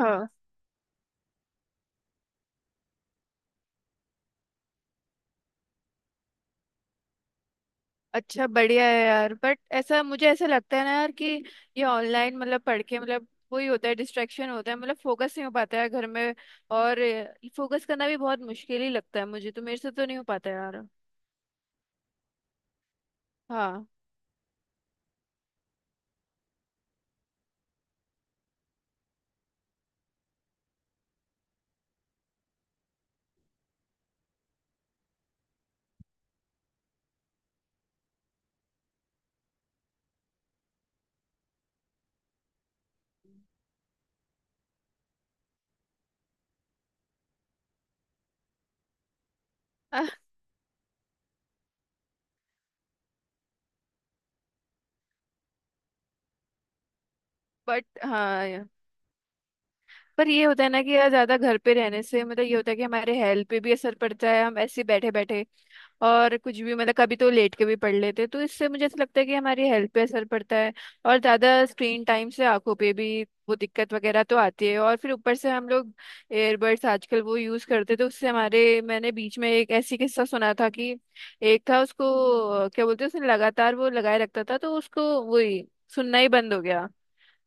हाँ। अच्छा, बढ़िया है यार। बट ऐसा मुझे ऐसा लगता है ना यार कि ये ऑनलाइन मतलब पढ़ के मतलब वही होता है, डिस्ट्रैक्शन होता है, मतलब फोकस नहीं हो पाता है घर में। और फोकस करना भी बहुत मुश्किल ही लगता है, मुझे तो, मेरे से तो नहीं हो पाता यार। हाँ। बट हाँ, पर ये होता है ना कि यार ज्यादा घर पे रहने से मतलब ये होता है कि हमारे हेल्थ पे भी असर पड़ता है, हम ऐसे बैठे बैठे और कुछ भी, मतलब कभी तो लेट के भी पढ़ लेते हैं। तो इससे मुझे ऐसा लगता है कि हमारी हेल्थ पे असर पड़ता है। और ज्यादा स्क्रीन टाइम से आंखों पे भी वो दिक्कत वगैरह तो आती है। और फिर ऊपर से हम लोग एयरबड्स आजकल वो यूज करते हैं, तो उससे हमारे, मैंने बीच में एक ऐसी किस्सा सुना था कि एक था, उसको क्या बोलते हैं, उसने लगातार वो लगाए रखता था तो उसको वही सुनना ही बंद हो गया।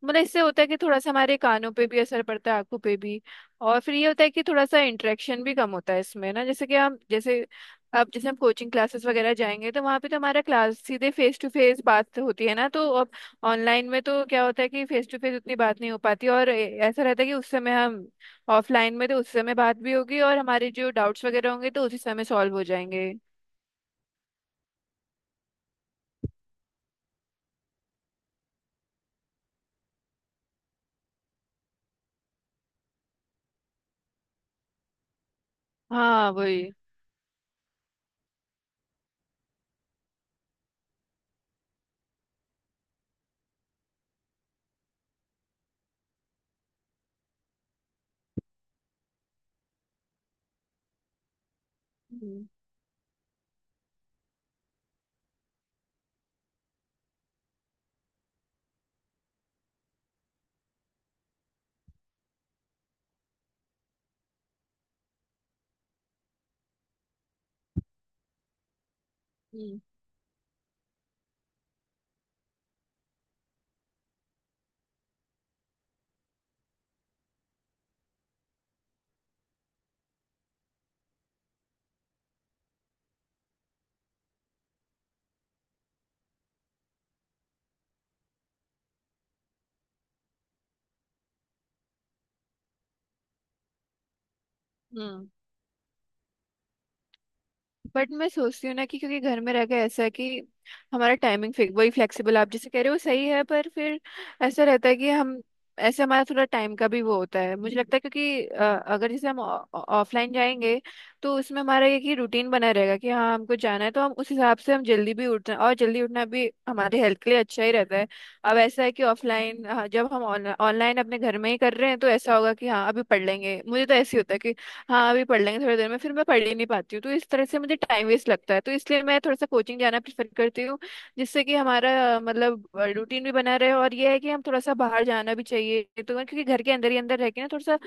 मतलब इससे होता है कि थोड़ा सा हमारे कानों पे भी असर पड़ता है, आंखों पे भी। और फिर ये होता है कि थोड़ा सा इंटरेक्शन भी कम होता है इसमें ना, जैसे कि हम, जैसे अब जैसे हम कोचिंग क्लासेस वगैरह जाएंगे तो वहाँ पे तो हमारा क्लास सीधे फेस टू फेस बात होती है ना। तो अब ऑनलाइन में तो क्या होता है कि फेस टू फेस उतनी बात नहीं हो पाती। और ऐसा रहता है कि उस समय हम, ऑफलाइन में तो उस समय बात भी होगी और हमारे जो डाउट्स वगैरह होंगे तो उसी समय सॉल्व हो जाएंगे। हाँ वही। हम्म हम्म हम्म। बट मैं सोचती हूँ ना कि क्योंकि घर में रह के ऐसा है कि हमारा टाइमिंग फिक वही फ्लेक्सिबल आप जैसे कह रहे हो सही है, पर फिर ऐसा रहता है कि हम ऐसे, हमारा थोड़ा टाइम का भी वो होता है, मुझे लगता है क्योंकि अगर जैसे हम ऑफलाइन जाएंगे तो उसमें हमारा ये कि रूटीन बना रहेगा कि हाँ हमको जाना है तो हम उस हिसाब से हम जल्दी भी उठते हैं, और जल्दी उठना भी हमारे हेल्थ के लिए अच्छा ही रहता है। अब ऐसा है कि ऑफलाइन, हाँ, जब हम ऑनलाइन अपने घर में ही कर रहे हैं तो ऐसा होगा कि हाँ अभी पढ़ लेंगे, मुझे तो ऐसे ही होता है, हाँ अभी पढ़ लेंगे, थोड़ी देर में फिर मैं पढ़ ही नहीं पाती हूँ, तो इस तरह से मुझे टाइम वेस्ट लगता है, तो इसलिए मैं थोड़ा सा कोचिंग जाना प्रेफर करती हूँ जिससे कि हमारा मतलब रूटीन भी बना रहे। और ये है कि हम थोड़ा सा बाहर जाना भी चाहिए, तो क्योंकि घर के अंदर ही अंदर रह के ना थोड़ा सा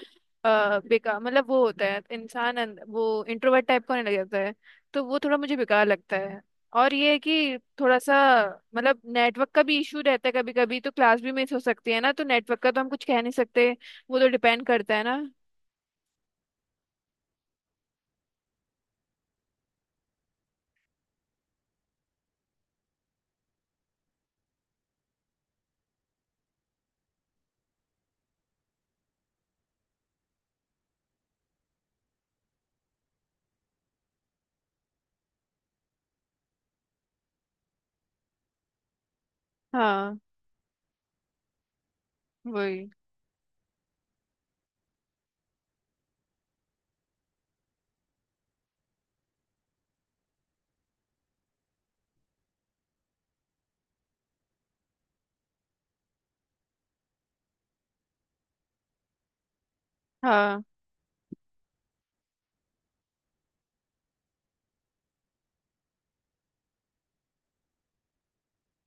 बेकार, मतलब वो होता है, इंसान वो इंट्रोवर्ट टाइप का होने लग जाता है, तो वो थोड़ा मुझे बेकार लगता है। और ये है कि थोड़ा सा मतलब नेटवर्क का भी इशू रहता है कभी कभी, तो क्लास भी मिस हो सकती है ना, तो नेटवर्क का तो हम कुछ कह नहीं सकते, वो तो डिपेंड करता है ना। हाँ वही। हाँ,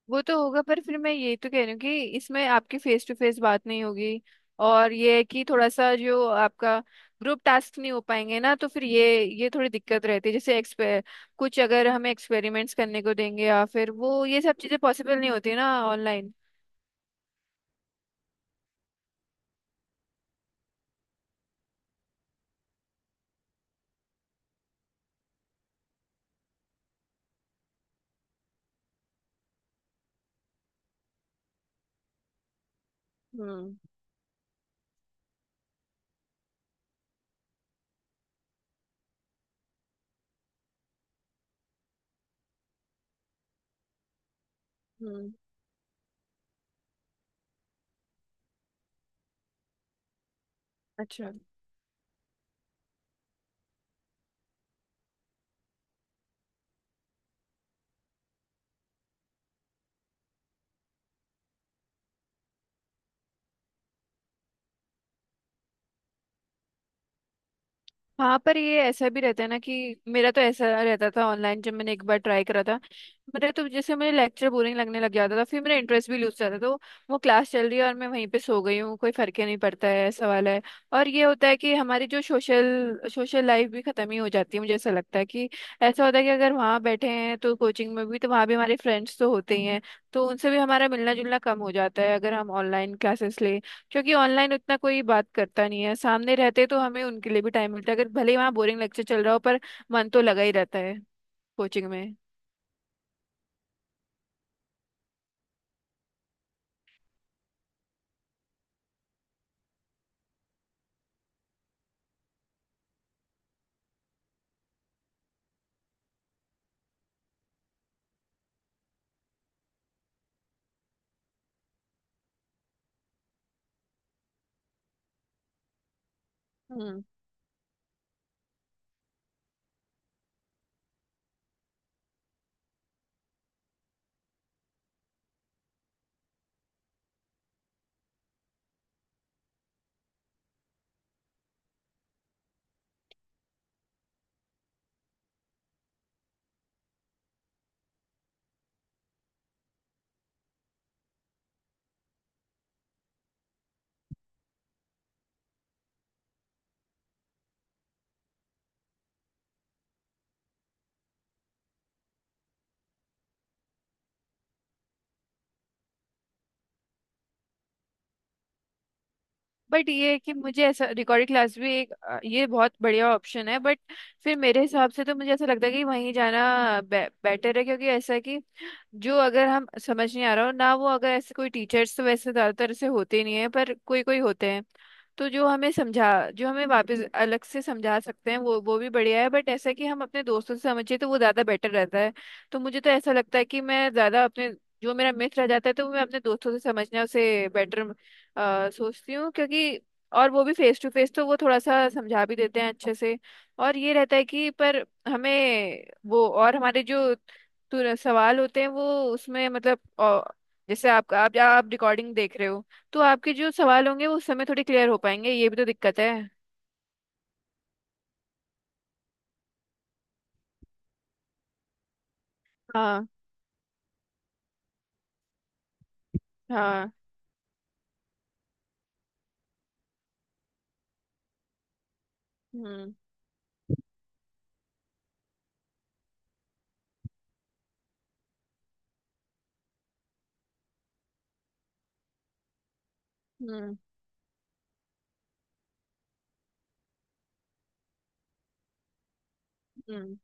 वो तो होगा, पर फिर मैं ये तो कह रही हूँ कि इसमें आपकी फेस टू फेस बात नहीं होगी, और ये है कि थोड़ा सा जो आपका ग्रुप टास्क नहीं हो पाएंगे ना, तो फिर ये थोड़ी दिक्कत रहती है, जैसे एक्सपे कुछ अगर हमें एक्सपेरिमेंट्स करने को देंगे या फिर वो ये सब चीजें पॉसिबल नहीं होती ना ऑनलाइन। हम्म हम्म। अच्छा। हाँ, पर ये ऐसा भी रहता है ना कि मेरा तो ऐसा रहता था, ऑनलाइन जब मैंने एक बार ट्राई करा था, मेरे तो जैसे मेरे लेक्चर बोरिंग लगने लग जाता था, फिर मेरा इंटरेस्ट भी लूज जाता था, तो वो क्लास चल रही है और मैं वहीं पे सो गई हूँ, कोई फर्क ही नहीं पड़ता है, ऐसा वाला है। और ये होता है कि हमारी जो सोशल सोशल लाइफ भी खत्म ही हो जाती है, मुझे ऐसा लगता है कि ऐसा होता है कि अगर वहाँ बैठे हैं, तो कोचिंग में भी तो वहाँ भी हमारे फ्रेंड्स तो होते ही हैं, तो उनसे भी हमारा मिलना जुलना कम हो जाता है अगर हम ऑनलाइन क्लासेस ले, क्योंकि ऑनलाइन उतना कोई बात करता नहीं है, सामने रहते तो हमें उनके लिए भी टाइम मिलता है, अगर भले ही वहाँ बोरिंग लेक्चर चल रहा हो पर मन तो लगा ही रहता है कोचिंग में। हम्म। बट ये है कि मुझे ऐसा रिकॉर्डिंग क्लास भी एक ये बहुत बढ़िया ऑप्शन है, बट फिर मेरे हिसाब से तो मुझे ऐसा लगता है कि वहीं जाना बेटर है, क्योंकि ऐसा है कि जो अगर हम समझ नहीं आ रहा हो ना, वो अगर ऐसे कोई टीचर्स, तो वैसे ज़्यादातर ऐसे होते नहीं है, पर कोई कोई होते हैं, तो जो हमें समझा, जो हमें वापस अलग से समझा सकते हैं, वो भी बढ़िया है, बट ऐसा कि हम अपने दोस्तों से समझिए तो वो ज़्यादा बेटर रहता है। तो मुझे तो ऐसा लगता है कि मैं ज़्यादा अपने जो मेरा मित्र रह जाता है तो मैं अपने दोस्तों से समझना उसे बेटर सोचती हूँ, क्योंकि और वो भी फेस टू फेस, तो वो थोड़ा सा समझा भी देते हैं अच्छे से। और ये रहता है कि पर हमें वो, और हमारे जो सवाल होते हैं, वो उसमें मतलब जैसे आप रिकॉर्डिंग देख रहे हो तो आपके जो सवाल होंगे वो उस समय थोड़े क्लियर हो पाएंगे, ये भी तो दिक्कत है। हाँ हाँ। हम्म हम्म हम्म।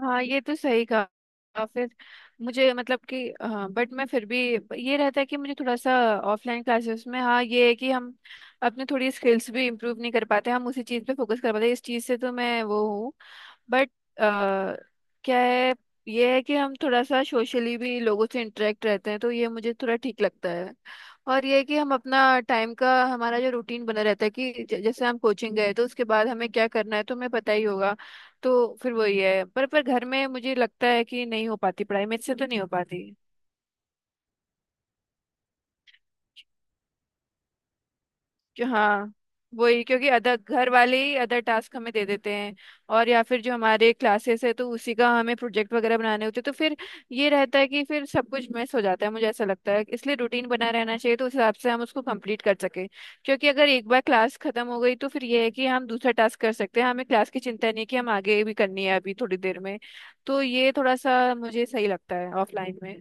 हाँ ये तो सही कहा। फिर मुझे मतलब कि हाँ, बट मैं फिर भी, ये रहता है कि मुझे थोड़ा सा ऑफलाइन क्लासेस में, हाँ ये है कि हम अपने थोड़ी स्किल्स भी इम्प्रूव नहीं कर पाते, हम उसी चीज़ पे फोकस कर पाते इस चीज़ से, तो मैं वो हूँ। बट अ, क्या है, ये है कि हम थोड़ा सा सोशली भी लोगों से इंटरेक्ट रहते हैं, तो ये मुझे थोड़ा ठीक लगता है। और ये है कि हम अपना टाइम का हमारा जो रूटीन बना रहता है कि जैसे हम कोचिंग गए तो उसके बाद हमें क्या करना है तो हमें पता ही होगा, तो फिर वही है। पर घर में मुझे लगता है कि नहीं हो पाती पढ़ाई, मेरे से तो नहीं हो पाती। जो हाँ वही, क्योंकि अदर घर वाले ही अदर टास्क हमें दे देते हैं, और या फिर जो हमारे क्लासेस है तो उसी का हमें प्रोजेक्ट वगैरह बनाने होते हैं, तो फिर ये रहता है कि फिर सब कुछ मिस हो जाता है, मुझे ऐसा लगता है, इसलिए रूटीन बना रहना चाहिए तो उस हिसाब से हम उसको कंप्लीट कर सके। क्योंकि अगर एक बार क्लास खत्म हो गई तो फिर ये है कि हम दूसरा टास्क कर सकते हैं, हमें क्लास की चिंता नहीं है कि हम आगे भी करनी है अभी थोड़ी देर में। तो ये थोड़ा सा मुझे सही लगता है ऑफलाइन में।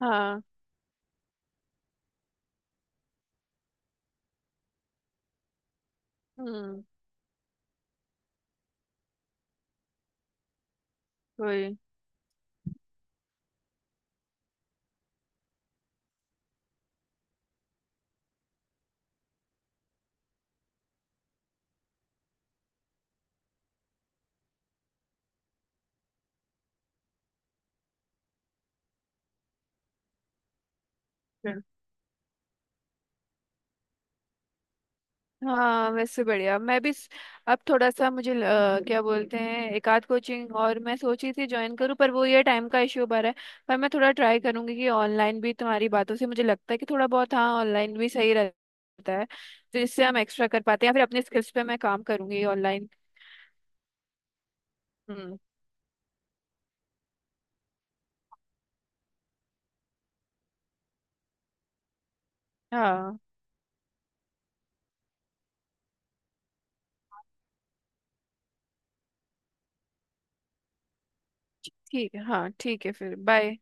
हाँ। हम्म वही फिर। हाँ, वैसे बढ़िया, मैं भी अब थोड़ा सा मुझे क्या बोलते हैं, एक आध कोचिंग और मैं सोची थी ज्वाइन करूँ, पर वो ये टाइम का इश्यू बन रहा है, पर मैं थोड़ा ट्राई करूंगी कि ऑनलाइन भी, तुम्हारी बातों से मुझे लगता है कि थोड़ा बहुत हाँ ऑनलाइन भी सही रहता है, तो इससे हम एक्स्ट्रा कर पाते हैं, या फिर अपने स्किल्स पे मैं काम करूंगी ऑनलाइन। हम्म। हाँ ठीक है, हाँ ठीक है। फिर बाय।